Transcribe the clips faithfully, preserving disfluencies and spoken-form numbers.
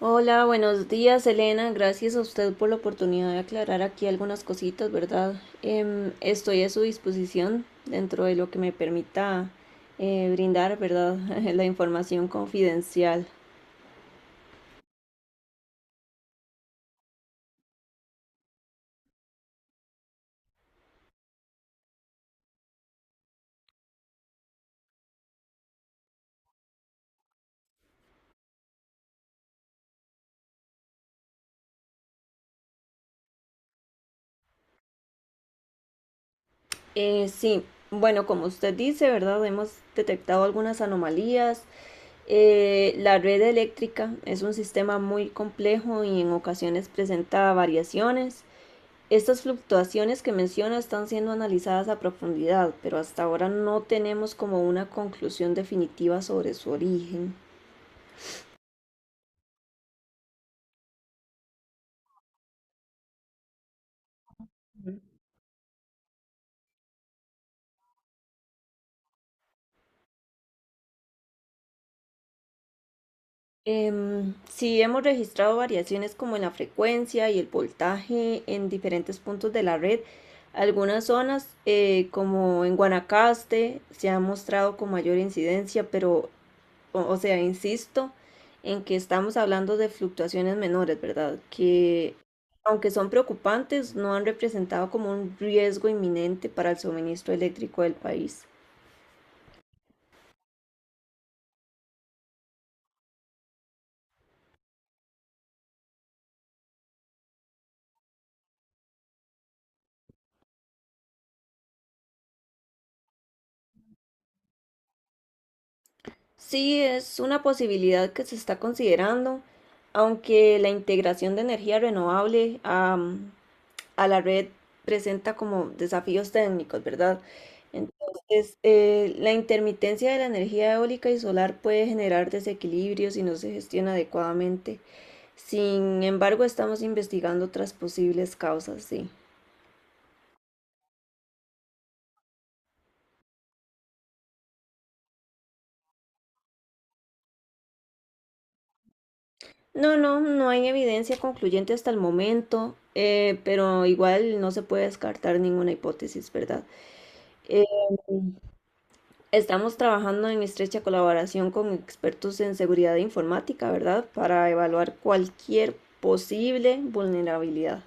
Hola, buenos días, Elena. Gracias a usted por la oportunidad de aclarar aquí algunas cositas, ¿verdad? Em, estoy a su disposición dentro de lo que me permita eh, brindar, ¿verdad? la información confidencial. Eh, sí, bueno, como usted dice, ¿verdad? Hemos detectado algunas anomalías. Eh, la red eléctrica es un sistema muy complejo y en ocasiones presenta variaciones. Estas fluctuaciones que menciona están siendo analizadas a profundidad, pero hasta ahora no tenemos como una conclusión definitiva sobre su origen. Em, sí, hemos registrado variaciones como en la frecuencia y el voltaje en diferentes puntos de la red. Algunas zonas, eh, como en Guanacaste, se ha mostrado con mayor incidencia, pero o, o sea, insisto en que estamos hablando de fluctuaciones menores, ¿verdad? Que aunque son preocupantes, no han representado como un riesgo inminente para el suministro eléctrico del país. Sí, es una posibilidad que se está considerando, aunque la integración de energía renovable a a la red presenta como desafíos técnicos, ¿verdad? Entonces, eh, la intermitencia de la energía eólica y solar puede generar desequilibrios si no se gestiona adecuadamente. Sin embargo, estamos investigando otras posibles causas, sí. No, no, no hay evidencia concluyente hasta el momento, eh, pero igual no se puede descartar ninguna hipótesis, ¿verdad? Eh, Estamos trabajando en estrecha colaboración con expertos en seguridad informática, ¿verdad? Para evaluar cualquier posible vulnerabilidad.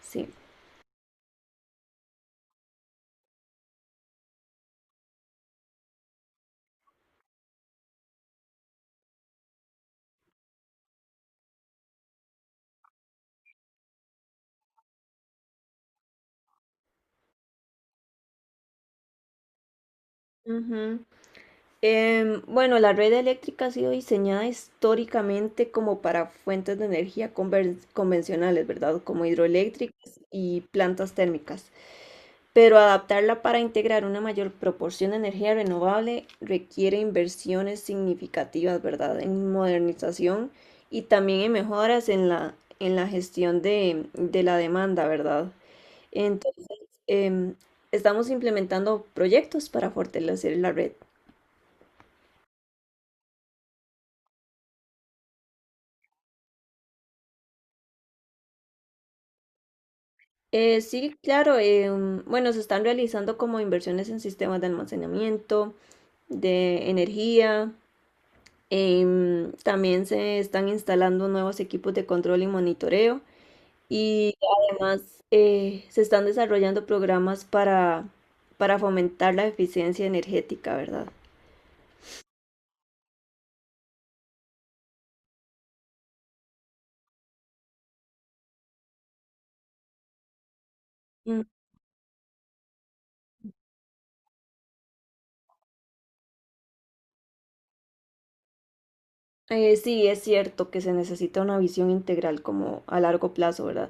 Sí. Ujú. Em, bueno, la red eléctrica ha sido diseñada históricamente como para fuentes de energía conver- convencionales, ¿verdad? Como hidroeléctricas y plantas térmicas. Pero adaptarla para integrar una mayor proporción de energía renovable requiere inversiones significativas, ¿verdad? En modernización y también en mejoras en la, en la gestión de, de la demanda, ¿verdad? Entonces, em, estamos implementando proyectos para fortalecer la red. Eh, sí, claro. Em, bueno, se están realizando como inversiones en sistemas de almacenamiento, de energía. Em, también se están instalando nuevos equipos de control y monitoreo. Y además eh, se están desarrollando programas para, para fomentar la eficiencia energética, ¿verdad? Mm. Eh, sí, es cierto que se necesita una visión integral como a largo plazo, ¿verdad?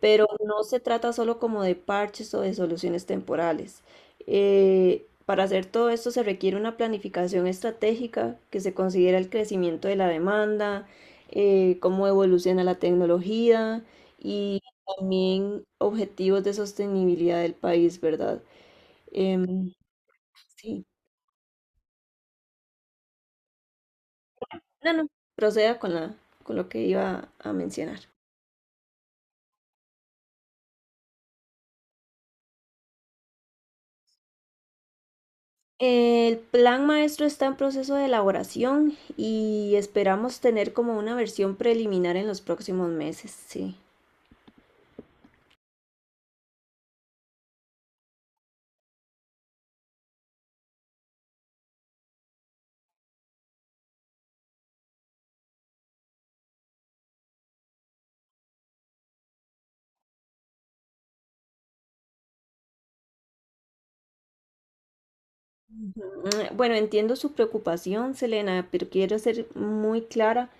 Pero no se trata solo como de parches o de soluciones temporales. Eh, para hacer todo esto se requiere una planificación estratégica que se considera el crecimiento de la demanda, eh, cómo evoluciona la tecnología y también objetivos de sostenibilidad del país, ¿verdad? Em, sí, no, no, proceda con la, con lo que iba a mencionar. El plan maestro está en proceso de elaboración y esperamos tener como una versión preliminar en los próximos meses, sí. Mm, bueno, entiendo su preocupación, Selena, pero quiero ser muy clara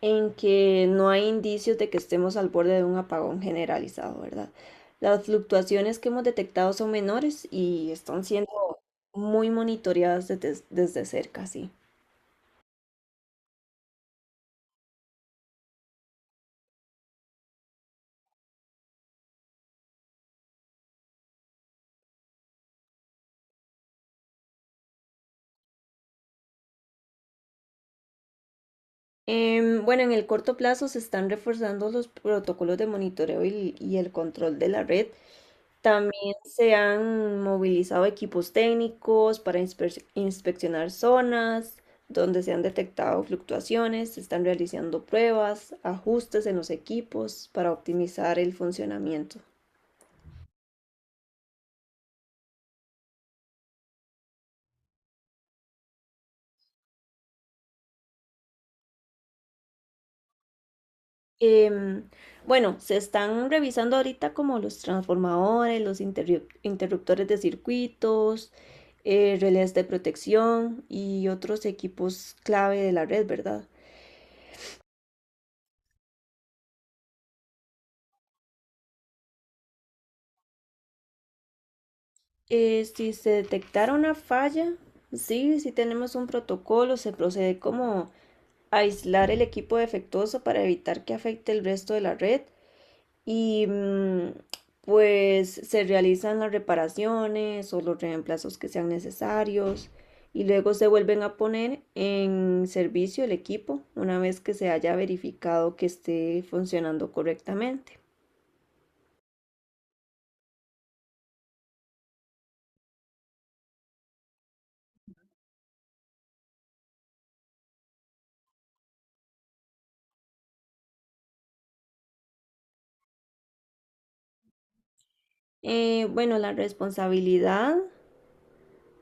en que no hay indicios de que estemos al borde de un apagón generalizado, ¿verdad? Las fluctuaciones que hemos detectado son menores y están siendo muy monitoreadas desde, desde cerca, sí. Em, bueno, en el corto plazo se están reforzando los protocolos de monitoreo y, y el control de la red. También se han movilizado equipos técnicos para inspe- inspeccionar zonas donde se han detectado fluctuaciones. Se están realizando pruebas, ajustes en los equipos para optimizar el funcionamiento. Em, bueno, se están revisando ahorita como los transformadores, los interrup- interruptores de circuitos, eh, relés de protección y otros equipos clave de la red, ¿verdad? Eh, si se detectara una falla, sí, si tenemos un protocolo, se procede como a aislar el equipo defectuoso para evitar que afecte el resto de la red. Y mm, pues se realizan las reparaciones o los reemplazos que sean necesarios y luego se vuelven a poner en servicio el equipo una vez que se haya verificado que esté funcionando correctamente. Eh, bueno, la responsabilidad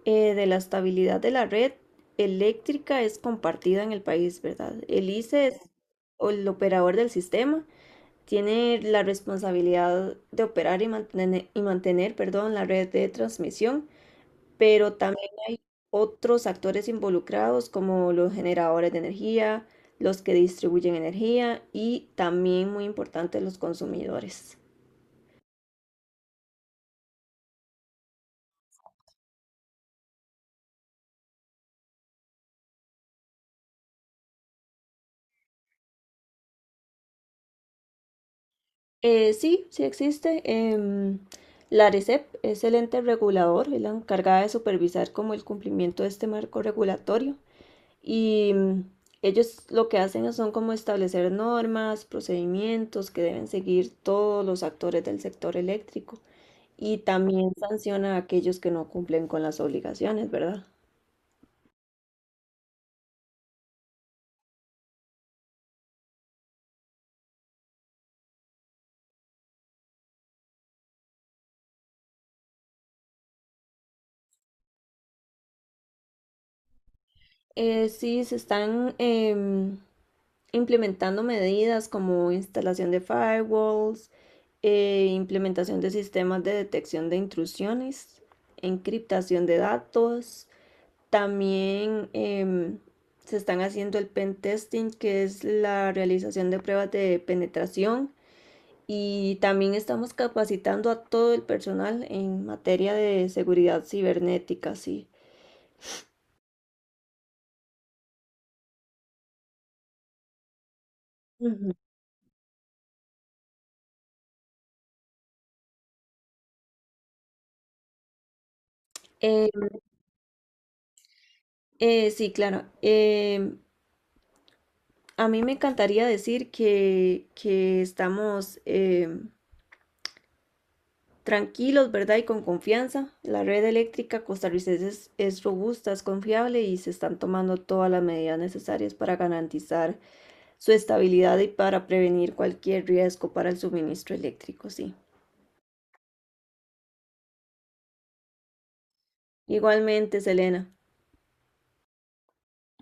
eh, de la estabilidad de la red eléctrica es compartida en el país, ¿verdad? El I C E es o el operador del sistema tiene la responsabilidad de operar y mantener, y mantener, perdón, la red de transmisión, pero también hay otros actores involucrados como los generadores de energía, los que distribuyen energía y también, muy importante, los consumidores. Eh, sí, sí existe. Eh, la ARECEP es el ente regulador, es la encargada de supervisar como el cumplimiento de este marco regulatorio. Y mm, ellos lo que hacen son como establecer normas, procedimientos que deben seguir todos los actores del sector eléctrico y también sanciona a aquellos que no cumplen con las obligaciones, ¿verdad? Eh, sí, se están em, implementando medidas como instalación de firewalls, eh, implementación de sistemas de detección de intrusiones, encriptación de datos. También em, se están haciendo el pen testing, que es la realización de pruebas de penetración. Y también estamos capacitando a todo el personal en materia de seguridad cibernética, sí. Ujú. Eh, eh, sí, claro. Em, a mí me encantaría decir que, que estamos, em, tranquilos, ¿verdad? Y con confianza. La red eléctrica costarricense es, es robusta, es confiable y se están tomando todas las medidas necesarias para garantizar su estabilidad y para prevenir cualquier riesgo para el suministro eléctrico, sí. Igualmente, Selena,